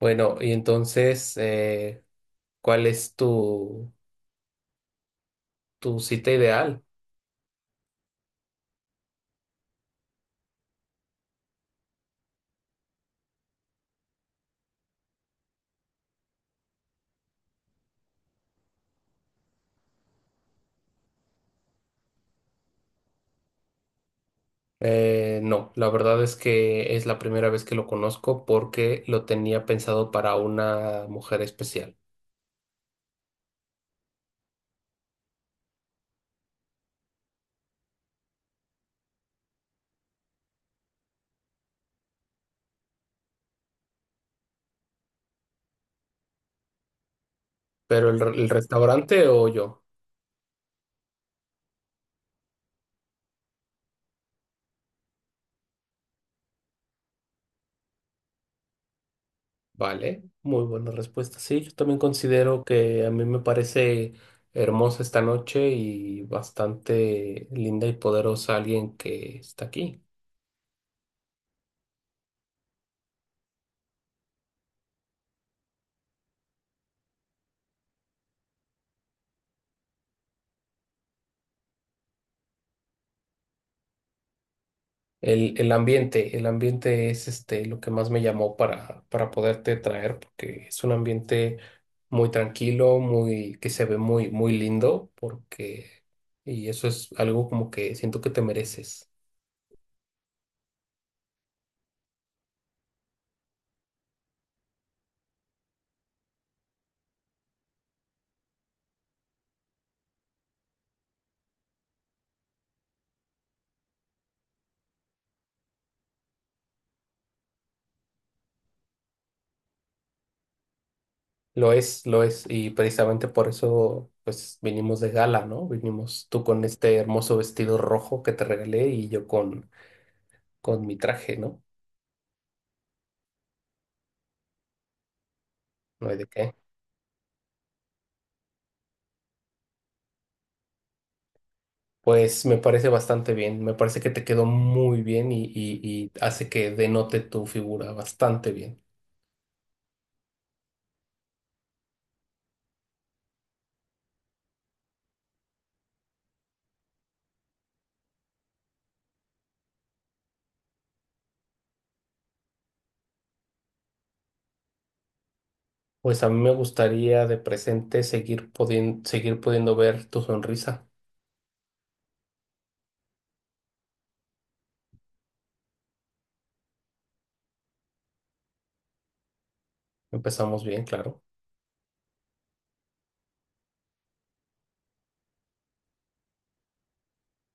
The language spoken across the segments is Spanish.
Bueno, y entonces, ¿cuál es tu cita ideal? No, la verdad es que es la primera vez que lo conozco porque lo tenía pensado para una mujer especial. ¿Pero el restaurante o yo? Vale, muy buena respuesta. Sí, yo también considero que a mí me parece hermosa esta noche y bastante linda y poderosa alguien que está aquí. El ambiente, el ambiente es este lo que más me llamó para poderte traer, porque es un ambiente muy tranquilo, muy, que se ve muy lindo, porque, y eso es algo como que siento que te mereces. Lo es, y precisamente por eso, pues, vinimos de gala, ¿no? Vinimos tú con este hermoso vestido rojo que te regalé y yo con mi traje, ¿no? No hay de qué. Pues me parece bastante bien, me parece que te quedó muy bien y hace que denote tu figura bastante bien. Pues a mí me gustaría de presente seguir pudiendo ver tu sonrisa. Empezamos bien, claro.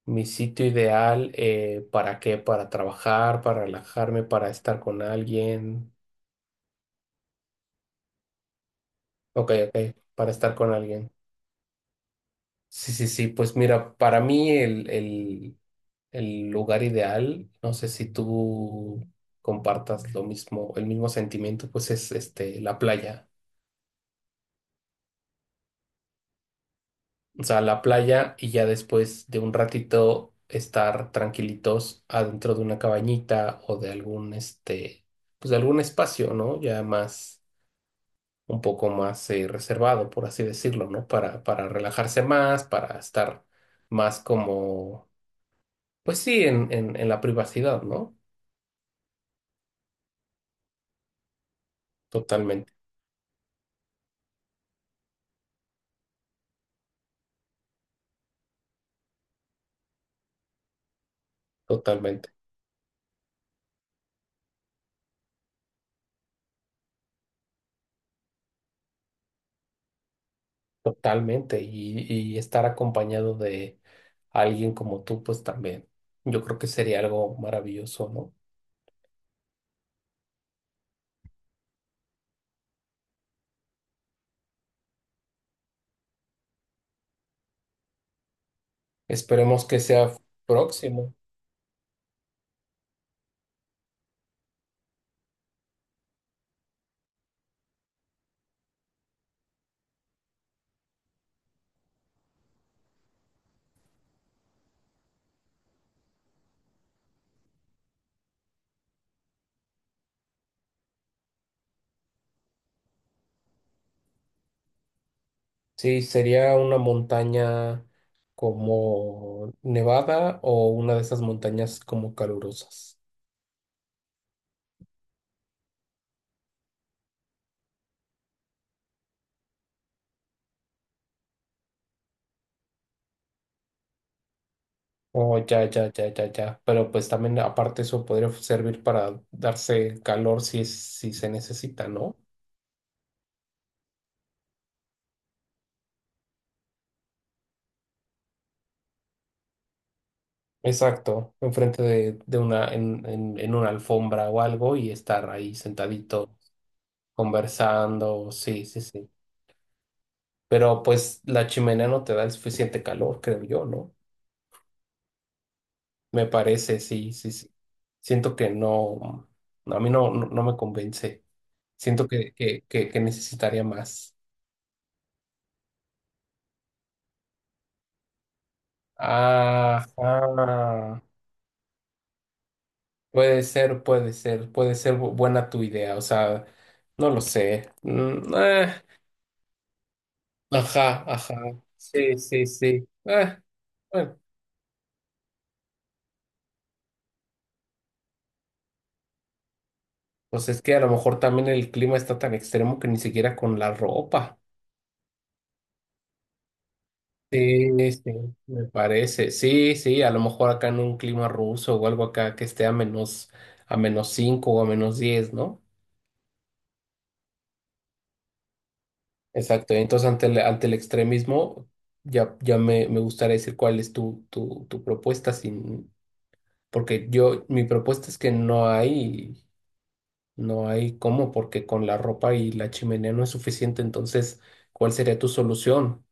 Mi sitio ideal, ¿para qué? Para trabajar, para relajarme, para estar con alguien. Ok, ok, para estar con alguien. Sí, sí, sí, pues mira, para mí el el lugar ideal, no sé si tú compartas lo mismo, el mismo sentimiento, pues es este la playa. O sea, la playa y ya después de un ratito estar tranquilitos adentro de una cabañita o de algún este, pues de algún espacio, ¿no? Ya más, un poco más reservado, por así decirlo, ¿no? Para relajarse más, para estar más como, pues sí, en la privacidad, ¿no? Totalmente, totalmente. Totalmente, y estar acompañado de alguien como tú, pues también. Yo creo que sería algo maravilloso, ¿no? Esperemos que sea próximo. Sí, sería una montaña como Nevada o una de esas montañas como calurosas. Oh, ya, ya, ya, ya, ya. Pero pues también aparte eso podría servir para darse calor si es, si se necesita, ¿no? Exacto, enfrente de una, en una alfombra o algo y estar ahí sentadito conversando, sí, sí, sí. Pero pues la chimenea no te da el suficiente calor, creo yo, ¿no? Me parece, sí, sí, sí. Siento que no, no, a mí no, no, no me convence. Siento que necesitaría más. Ajá. Puede ser, puede ser, puede ser buena tu idea, o sea, no lo sé. Ajá, ajá. Sí, sí, sí. Ah, bueno, pues es que a lo mejor también el clima está tan extremo que ni siquiera con la ropa. Sí, sí, me parece. Sí, sí, a lo mejor acá en un clima ruso o algo acá que esté a menos 5 o a menos diez, ¿no? Exacto. Entonces, ante el extremismo, ya, me gustaría decir cuál es tu propuesta sin, porque yo, mi propuesta es que no hay. No hay cómo, porque con la ropa y la chimenea no es suficiente. Entonces, ¿cuál sería tu solución?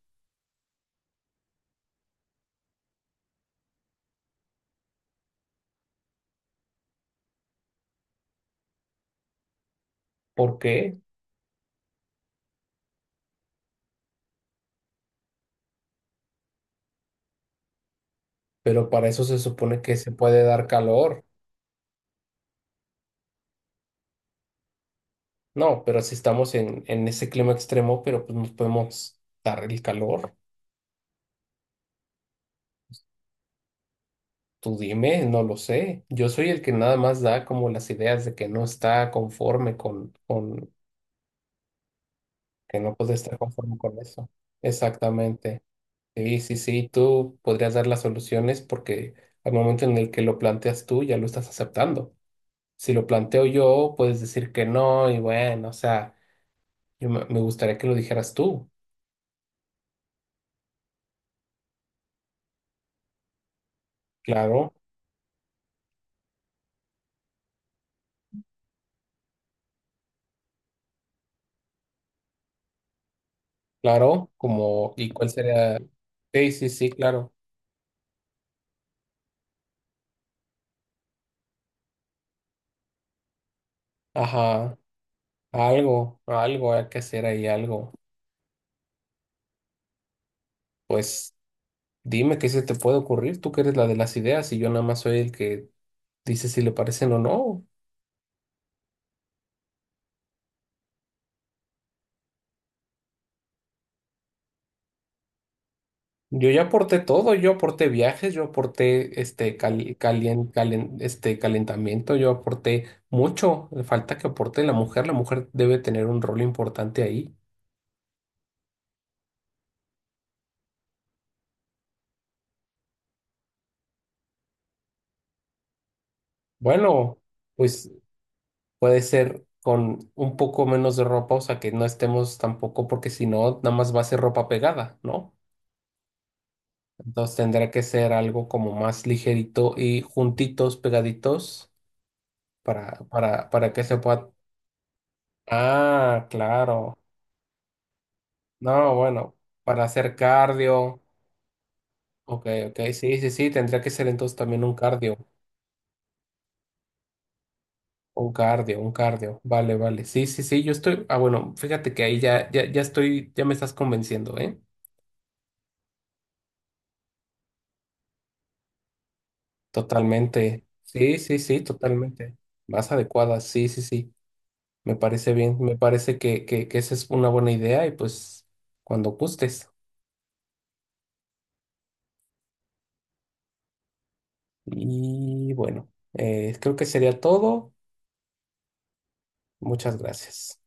¿Por qué? Pero para eso se supone que se puede dar calor. No, pero si estamos en ese clima extremo, pero pues nos podemos dar el calor. Tú dime, no lo sé. Yo soy el que nada más da como las ideas de que no está conforme que no puede estar conforme con eso. Exactamente. Sí, sí, sí, tú podrías dar las soluciones porque al momento en el que lo planteas tú ya lo estás aceptando. Si lo planteo yo, puedes decir que no y bueno, o sea, yo me gustaría que lo dijeras tú. Claro, claro, como, ¿y cuál sería? Sí, sí, sí, claro. Ajá, algo, algo hay que hacer ahí, algo. Pues dime qué se te puede ocurrir, tú que eres la de las ideas y yo nada más soy el que dice si le parecen o no. Yo ya aporté todo, yo aporté viajes, yo aporté este, este calentamiento, yo aporté mucho. Le falta que aporte la mujer debe tener un rol importante ahí. Bueno, pues puede ser con un poco menos de ropa, o sea que no estemos tampoco, porque si no, nada más va a ser ropa pegada, ¿no? Entonces tendrá que ser algo como más ligerito y juntitos, pegaditos, para que se pueda... Ah, claro. No, bueno, para hacer cardio. Ok, ok, sí, sí, sí, tendría que ser entonces también un cardio. Un cardio, un cardio. Vale, vale. Sí, sí, sí, yo estoy. Ah, bueno, fíjate que ahí ya, ya, ya estoy, ya me estás convenciendo, ¿eh? Totalmente. Sí, sí, sí, totalmente. Más adecuada, sí, sí, sí. Me parece bien, me parece que esa es una buena idea y pues cuando gustes. Y bueno, creo que sería todo. Muchas gracias.